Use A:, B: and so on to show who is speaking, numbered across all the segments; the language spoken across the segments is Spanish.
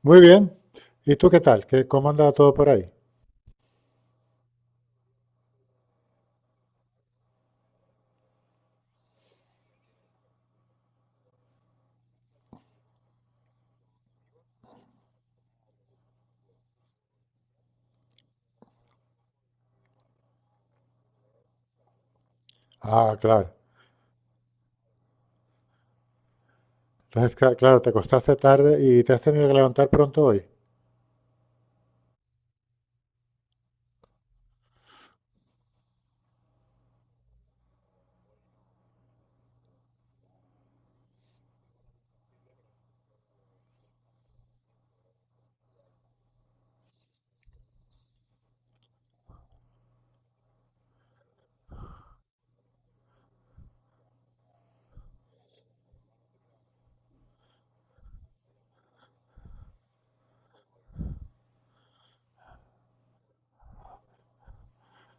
A: Muy bien. ¿Y tú qué tal? ¿Qué, cómo andaba todo por ahí? Ah, claro. Entonces, claro, te acostaste tarde y te has tenido que levantar pronto hoy.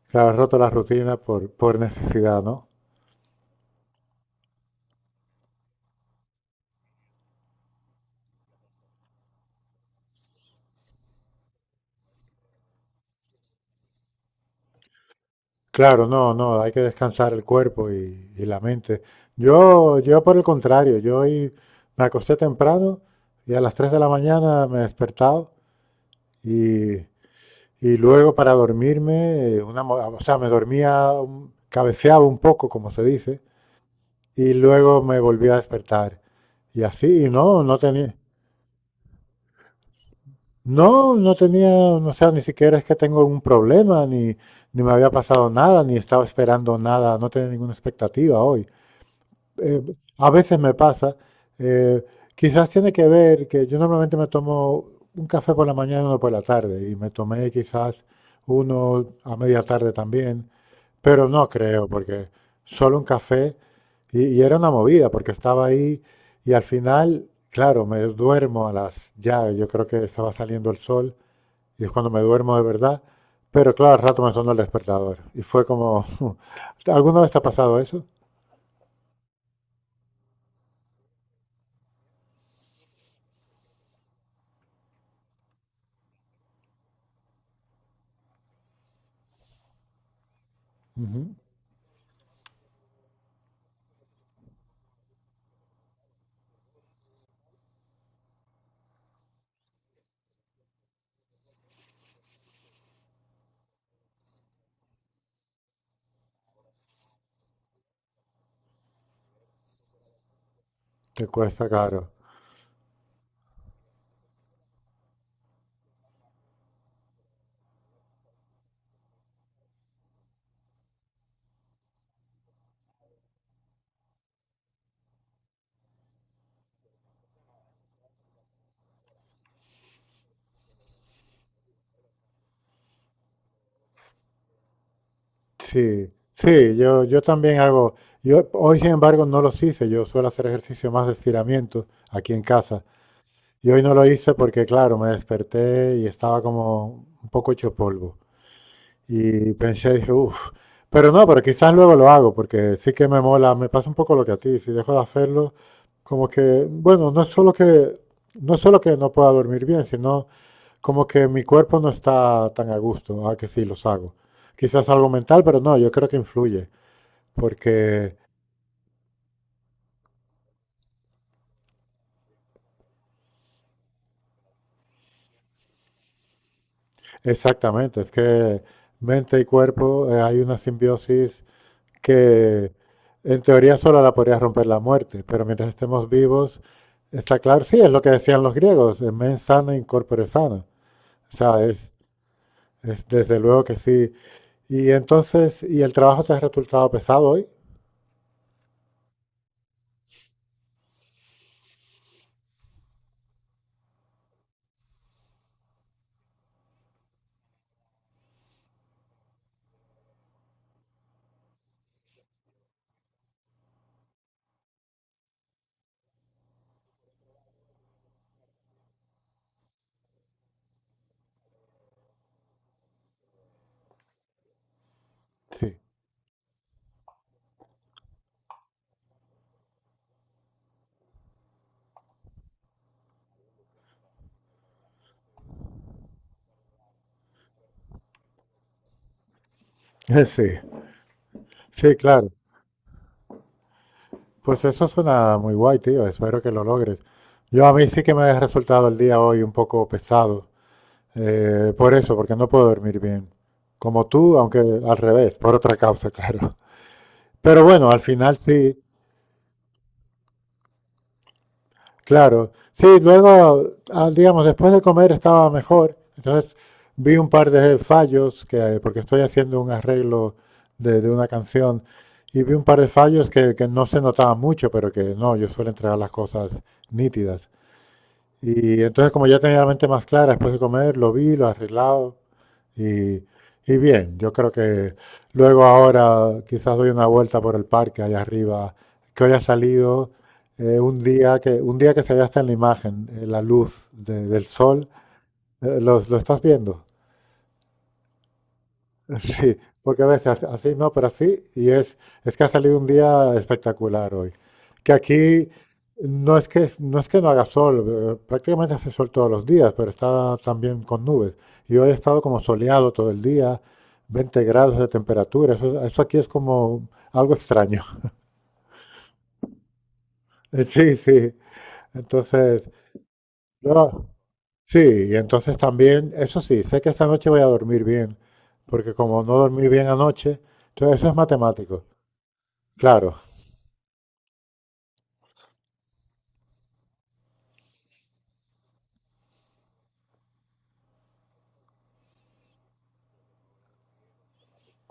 A: Claro, has roto la rutina por necesidad, ¿no? Claro, no, no, hay que descansar el cuerpo y la mente. Yo por el contrario, yo hoy me acosté temprano y a las 3 de la mañana me he despertado y, y luego para dormirme, o sea, me dormía, cabeceaba un poco, como se dice, y luego me volví a despertar. Y así, y no, no tenía, no, no tenía, no sea, ni siquiera es que tengo un problema, ni me había pasado nada, ni estaba esperando nada, no tenía ninguna expectativa hoy. Eh, a veces me pasa, eh, quizás tiene que ver que yo normalmente me tomo un café por la mañana y uno por la tarde, y me tomé quizás uno a media tarde también. Pero no creo, porque solo un café y era una movida, porque estaba ahí y al final, claro, me duermo a las ya, yo creo que estaba saliendo el sol y es cuando me duermo de verdad, pero claro, al rato me sonó el despertador y fue como, ¿alguna vez te ha pasado eso? Ujú. Te cuesta caro. Sí, sí, yo también hago, yo hoy sin embargo no los hice, yo suelo hacer ejercicio más de estiramiento aquí en casa. Y hoy no lo hice porque, claro, me desperté y estaba como un poco hecho polvo. Y pensé, dije, uff, pero no, pero quizás luego lo hago porque sí que me mola, me pasa un poco lo que a ti, si dejo de hacerlo, como que, bueno, no es solo que no pueda dormir bien, sino como que mi cuerpo no está tan a gusto, ah, que sí, los hago. Quizás algo mental, pero no, yo creo que influye, porque exactamente, es que mente y cuerpo, hay una simbiosis que en teoría solo la podría romper la muerte, pero mientras estemos vivos, está claro, sí, es lo que decían los griegos, mens sana in corpore sana. O sea, es desde luego que sí. Y entonces, ¿y el trabajo te ha resultado pesado hoy? Sí, sí, sí, claro. Pues eso suena muy guay, tío, espero que lo logres. Yo a mí sí que me ha resultado el día hoy un poco pesado, por eso, porque no puedo dormir bien. Como tú, aunque al revés, por otra causa, claro. Pero bueno, al final sí, claro. Sí, luego, ah, digamos, después de comer estaba mejor. Entonces vi un par de fallos, que, porque estoy haciendo un arreglo de una canción, y vi un par de fallos que no se notaban mucho, pero que no, yo suelo entregar las cosas nítidas. Y entonces como ya tenía la mente más clara después de comer, lo vi, lo arreglado. Y, y bien, yo creo que luego ahora quizás doy una vuelta por el parque allá arriba, que hoy ha salido un día que, se ve hasta en la imagen, la luz del sol. ¿Lo estás viendo? Sí, porque a veces así no, pero así, y es, que ha salido un día espectacular hoy. Que aquí no es que, no haga sol, prácticamente hace sol todos los días, pero está también con nubes. Y hoy ha estado como soleado todo el día, 20 grados de temperatura, eso aquí es como algo extraño. Sí, sí, entonces, no, sí, y entonces también, eso sí, sé que esta noche voy a dormir bien, porque como no dormí bien anoche, entonces eso es matemático, claro.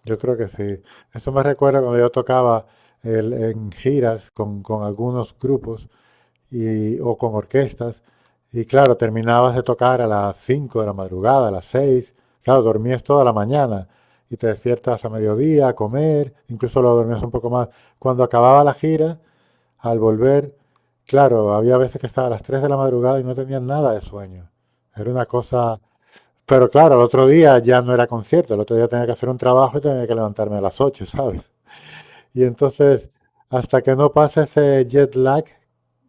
A: Yo creo que sí. Esto me recuerda cuando yo tocaba en giras con, algunos grupos o con orquestas. Y claro, terminabas de tocar a las 5 de la madrugada, a las 6. Claro, dormías toda la mañana y te despiertas a mediodía a comer, incluso lo dormías un poco más. Cuando acababa la gira, al volver, claro, había veces que estaba a las 3 de la madrugada y no tenías nada de sueño. Era una cosa, pero claro, el otro día ya no era concierto, el otro día tenía que hacer un trabajo y tenía que levantarme a las 8, ¿sabes? Y entonces, hasta que no pase ese jet lag,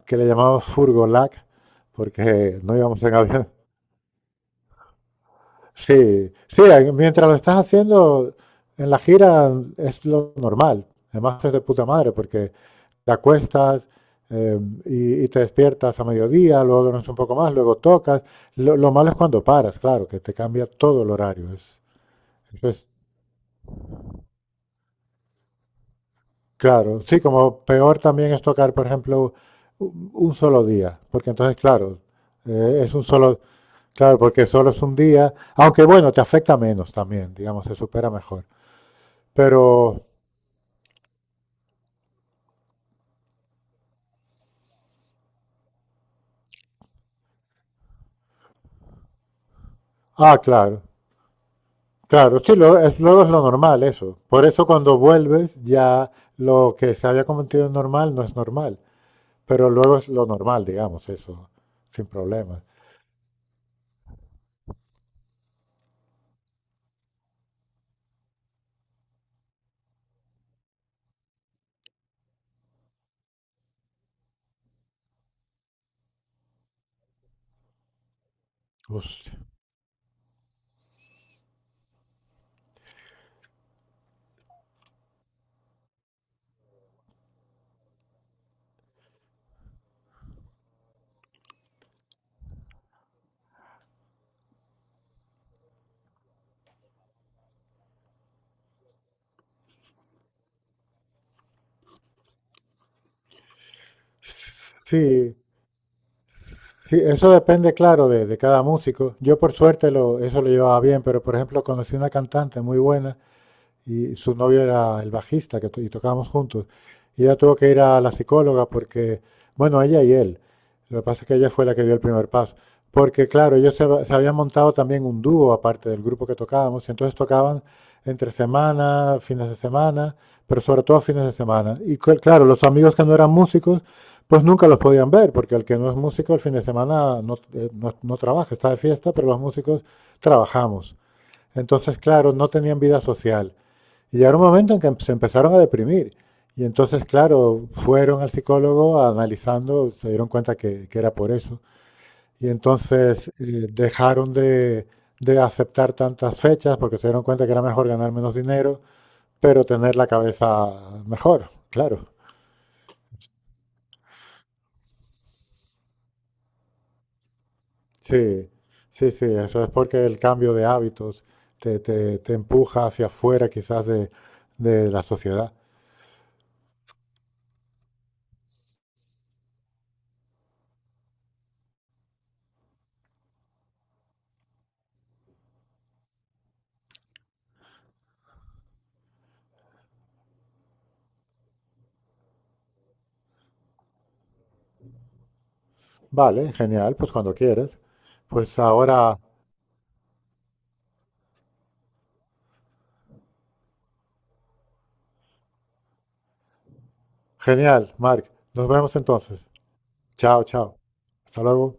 A: que le llamamos furgo lag, porque no íbamos en avión. Sí, sí, mientras lo estás haciendo en la gira es lo normal. Además es de puta madre, porque te acuestas, eh, te despiertas a mediodía, luego duermes un poco más, luego tocas. Malo es cuando paras, claro, que te cambia todo el horario. Eso es. Claro, sí, como peor también es tocar, por ejemplo, un solo día, porque entonces, claro, es un solo, claro, porque solo es un día, aunque bueno, te afecta menos también, digamos, se supera mejor. Pero, ah, claro, claro, sí, luego es lo normal eso. Por eso cuando vuelves ya lo que se había convertido en normal no es normal, pero luego es lo normal, digamos, eso, sin problemas. Hostia. Sí, sí, eso depende, claro, de cada músico. Yo por suerte lo, eso lo llevaba bien, pero por ejemplo conocí una cantante muy buena y su novio era el bajista y tocábamos juntos. Y ella tuvo que ir a la psicóloga porque, bueno, ella y él. Lo que pasa es que ella fue la que dio el primer paso. Porque, claro, ellos se, se habían montado también un dúo aparte del grupo que tocábamos y entonces tocaban entre semana, fines de semana, pero sobre todo fines de semana. Y claro, los amigos que no eran músicos, pues nunca los podían ver, porque el que no es músico el fin de semana no, no trabaja, está de fiesta, pero los músicos trabajamos. Entonces, claro, no tenían vida social. Y llegaron un momento en que se empezaron a deprimir. Y entonces, claro, fueron al psicólogo analizando, se dieron cuenta que era por eso. Y entonces dejaron de aceptar tantas fechas porque se dieron cuenta que era mejor ganar menos dinero, pero tener la cabeza mejor, claro. Sí, sí, sí, eso es porque el cambio de hábitos te empuja hacia afuera quizás de la sociedad. Vale, genial, pues cuando quieres. Pues ahora. Genial, Mark. Nos vemos entonces. Chao, chao. Hasta luego.